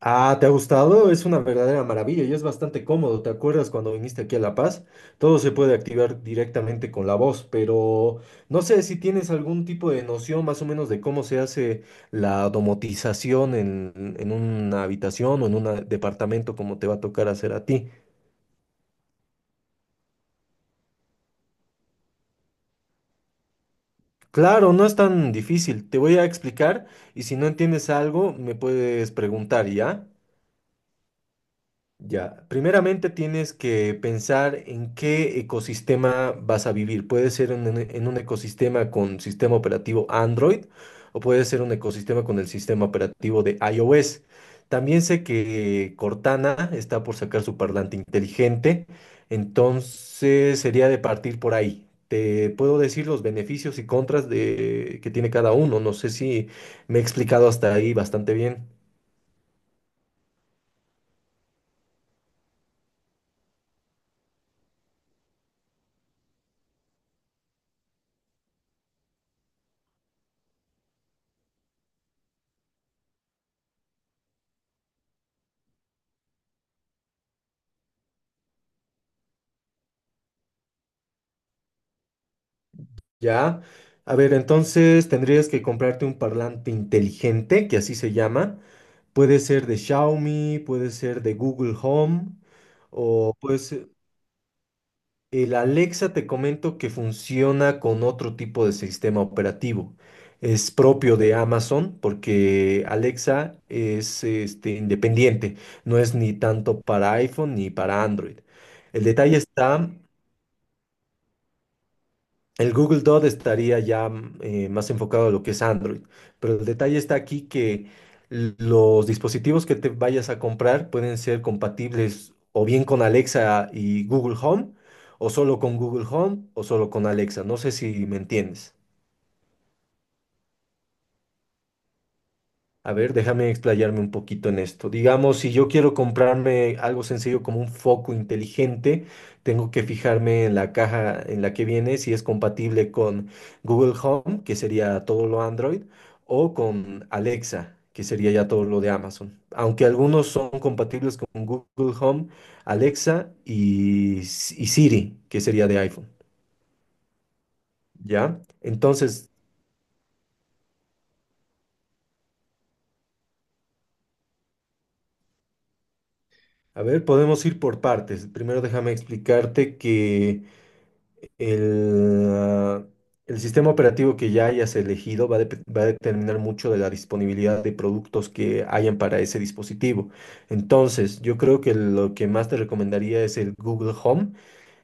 Ah, ¿te ha gustado? Es una verdadera maravilla y es bastante cómodo. ¿Te acuerdas cuando viniste aquí a La Paz? Todo se puede activar directamente con la voz, pero no sé si tienes algún tipo de noción más o menos de cómo se hace la domotización en una habitación o en un departamento como te va a tocar hacer a ti. Claro, no es tan difícil. Te voy a explicar y si no entiendes algo, me puedes preguntar, ¿ya? Ya, primeramente tienes que pensar en qué ecosistema vas a vivir. Puede ser en un ecosistema con sistema operativo Android o puede ser un ecosistema con el sistema operativo de iOS. También sé que Cortana está por sacar su parlante inteligente, entonces sería de partir por ahí. Te puedo decir los beneficios y contras que tiene cada uno. No sé si me he explicado hasta ahí bastante bien. Ya. A ver, entonces tendrías que comprarte un parlante inteligente, que así se llama. Puede ser de Xiaomi, puede ser de Google Home, o pues el Alexa te comento que funciona con otro tipo de sistema operativo. Es propio de Amazon porque Alexa es este, independiente, no es ni tanto para iPhone ni para Android. El detalle está. El Google Dot estaría ya más enfocado a lo que es Android, pero el detalle está aquí que los dispositivos que te vayas a comprar pueden ser compatibles o bien con Alexa y Google Home, o solo con Google Home, o solo con Alexa. No sé si me entiendes. A ver, déjame explayarme un poquito en esto. Digamos, si yo quiero comprarme algo sencillo como un foco inteligente, tengo que fijarme en la caja en la que viene si es compatible con Google Home, que sería todo lo Android, o con Alexa, que sería ya todo lo de Amazon. Aunque algunos son compatibles con Google Home, Alexa y, y Siri, que sería de iPhone. ¿Ya? Entonces, a ver, podemos ir por partes. Primero déjame explicarte que... El, ah, el sistema operativo que ya hayas elegido va a determinar mucho de la disponibilidad de productos que hayan para ese dispositivo. Entonces, yo creo que lo que más te recomendaría es el Google Home,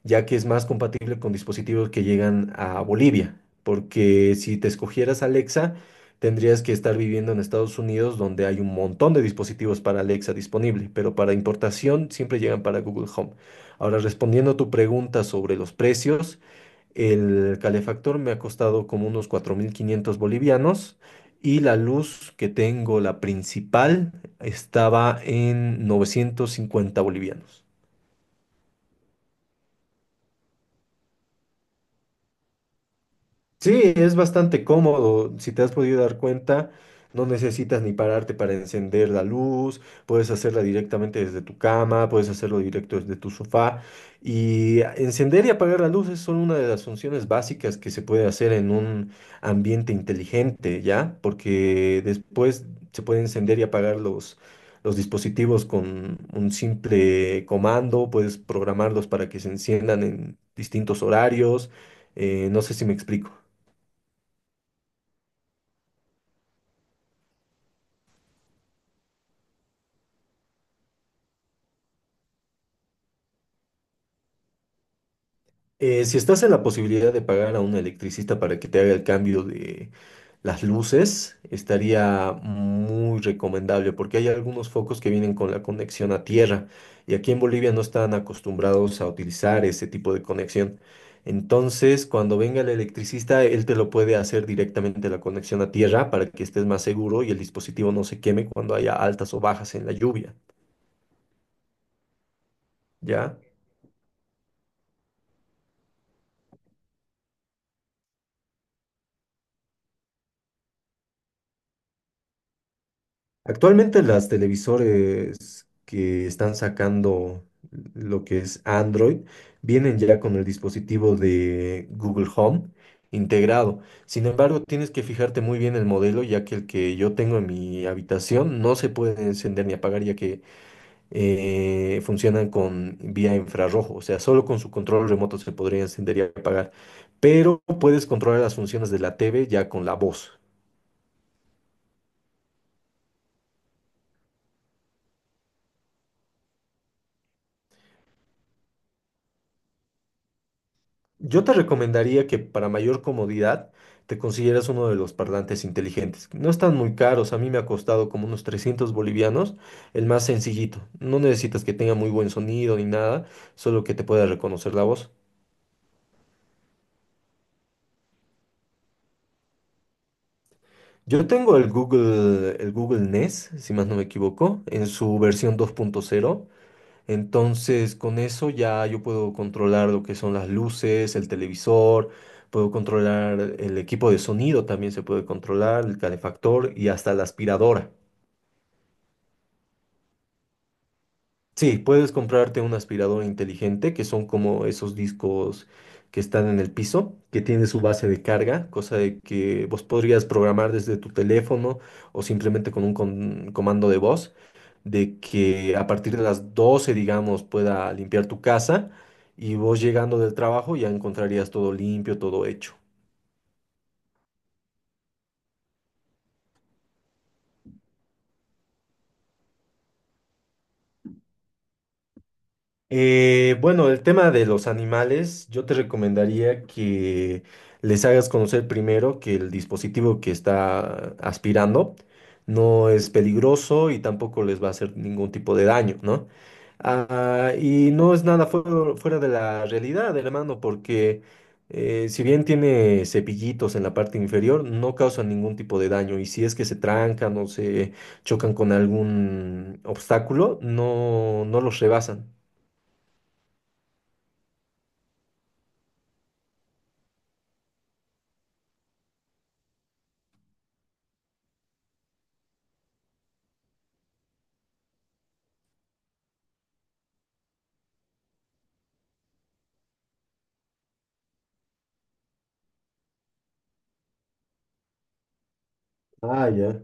ya que es más compatible con dispositivos que llegan a Bolivia, porque si te escogieras Alexa, tendrías que estar viviendo en Estados Unidos, donde hay un montón de dispositivos para Alexa disponible, pero para importación siempre llegan para Google Home. Ahora, respondiendo a tu pregunta sobre los precios, el calefactor me ha costado como unos 4500 bolivianos y la luz que tengo, la principal, estaba en 950 bolivianos. Sí, es bastante cómodo. Si te has podido dar cuenta, no necesitas ni pararte para encender la luz, puedes hacerla directamente desde tu cama, puedes hacerlo directo desde tu sofá. Y encender y apagar las luces son una de las funciones básicas que se puede hacer en un ambiente inteligente, ¿ya? Porque después se puede encender y apagar los dispositivos con un simple comando, puedes programarlos para que se enciendan en distintos horarios. No sé si me explico. Si estás en la posibilidad de pagar a un electricista para que te haga el cambio de las luces, estaría muy recomendable porque hay algunos focos que vienen con la conexión a tierra y aquí en Bolivia no están acostumbrados a utilizar ese tipo de conexión. Entonces, cuando venga el electricista, él te lo puede hacer directamente la conexión a tierra para que estés más seguro y el dispositivo no se queme cuando haya altas o bajas en la lluvia, ¿ya? Actualmente las televisores que están sacando lo que es Android vienen ya con el dispositivo de Google Home integrado. Sin embargo, tienes que fijarte muy bien el modelo, ya que el que yo tengo en mi habitación no se puede encender ni apagar, ya que funcionan con vía infrarrojo. O sea, solo con su control remoto se podría encender y apagar. Pero puedes controlar las funciones de la TV ya con la voz. Yo te recomendaría que para mayor comodidad te consiguieras uno de los parlantes inteligentes. No están muy caros, a mí me ha costado como unos 300 bolivianos, el más sencillito. No necesitas que tenga muy buen sonido ni nada, solo que te pueda reconocer la voz. Yo tengo el Google Nest, si más no me equivoco, en su versión 2.0. Entonces, con eso ya yo puedo controlar lo que son las luces, el televisor, puedo controlar el equipo de sonido, también se puede controlar el calefactor y hasta la aspiradora. Sí, puedes comprarte una aspiradora inteligente que son como esos discos que están en el piso, que tiene su base de carga, cosa de que vos podrías programar desde tu teléfono o simplemente con un comando de voz, de que a partir de las 12 digamos, pueda limpiar tu casa y vos llegando del trabajo ya encontrarías todo limpio, todo hecho. Bueno, el tema de los animales, yo te recomendaría que les hagas conocer primero que el dispositivo que está aspirando no es peligroso y tampoco les va a hacer ningún tipo de daño, ¿no? Ah, y no es nada fuera de la realidad, hermano, porque si bien tiene cepillitos en la parte inferior, no causan ningún tipo de daño. Y si es que se trancan o se chocan con algún obstáculo, no, no los rebasan. Ah, ya.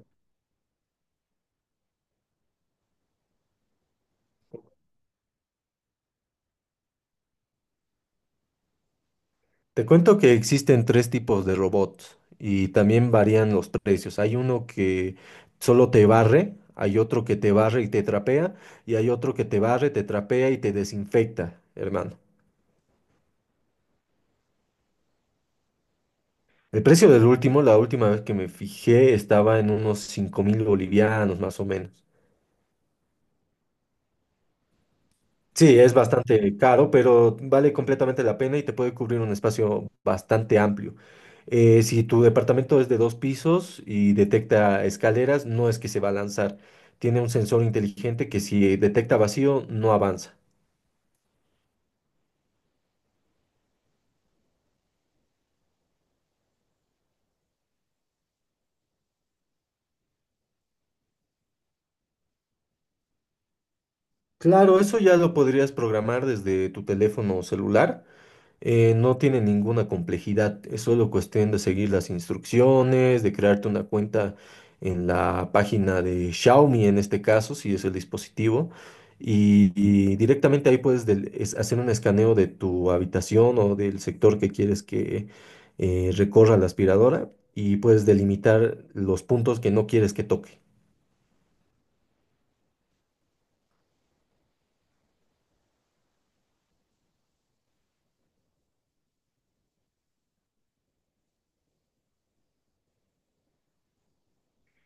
Te cuento que existen tres tipos de robots y también varían los precios. Hay uno que solo te barre, hay otro que te barre y te trapea, y hay otro que te barre, te trapea y te desinfecta, hermano. El precio del último, la última vez que me fijé, estaba en unos 5000 bolivianos más o menos. Sí, es bastante caro, pero vale completamente la pena y te puede cubrir un espacio bastante amplio. Si tu departamento es de dos pisos y detecta escaleras, no es que se va a lanzar. Tiene un sensor inteligente que si detecta vacío, no avanza. Claro, eso ya lo podrías programar desde tu teléfono celular, no tiene ninguna complejidad, es solo cuestión de seguir las instrucciones, de crearte una cuenta en la página de Xiaomi en este caso, si es el dispositivo, y directamente ahí puedes hacer un escaneo de tu habitación o del sector que quieres que recorra la aspiradora y puedes delimitar los puntos que no quieres que toque.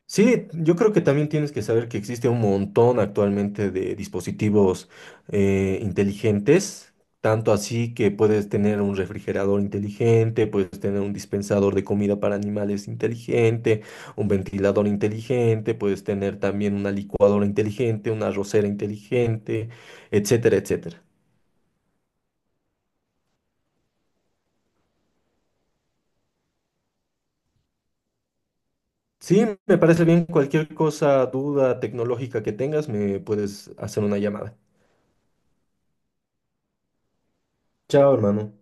Sí, yo creo que también tienes que saber que existe un montón actualmente de dispositivos inteligentes, tanto así que puedes tener un refrigerador inteligente, puedes tener un dispensador de comida para animales inteligente, un ventilador inteligente, puedes tener también una licuadora inteligente, una arrocera inteligente, etcétera, etcétera. Sí, me parece bien. Cualquier cosa, duda tecnológica que tengas, me puedes hacer una llamada. Chao, hermano.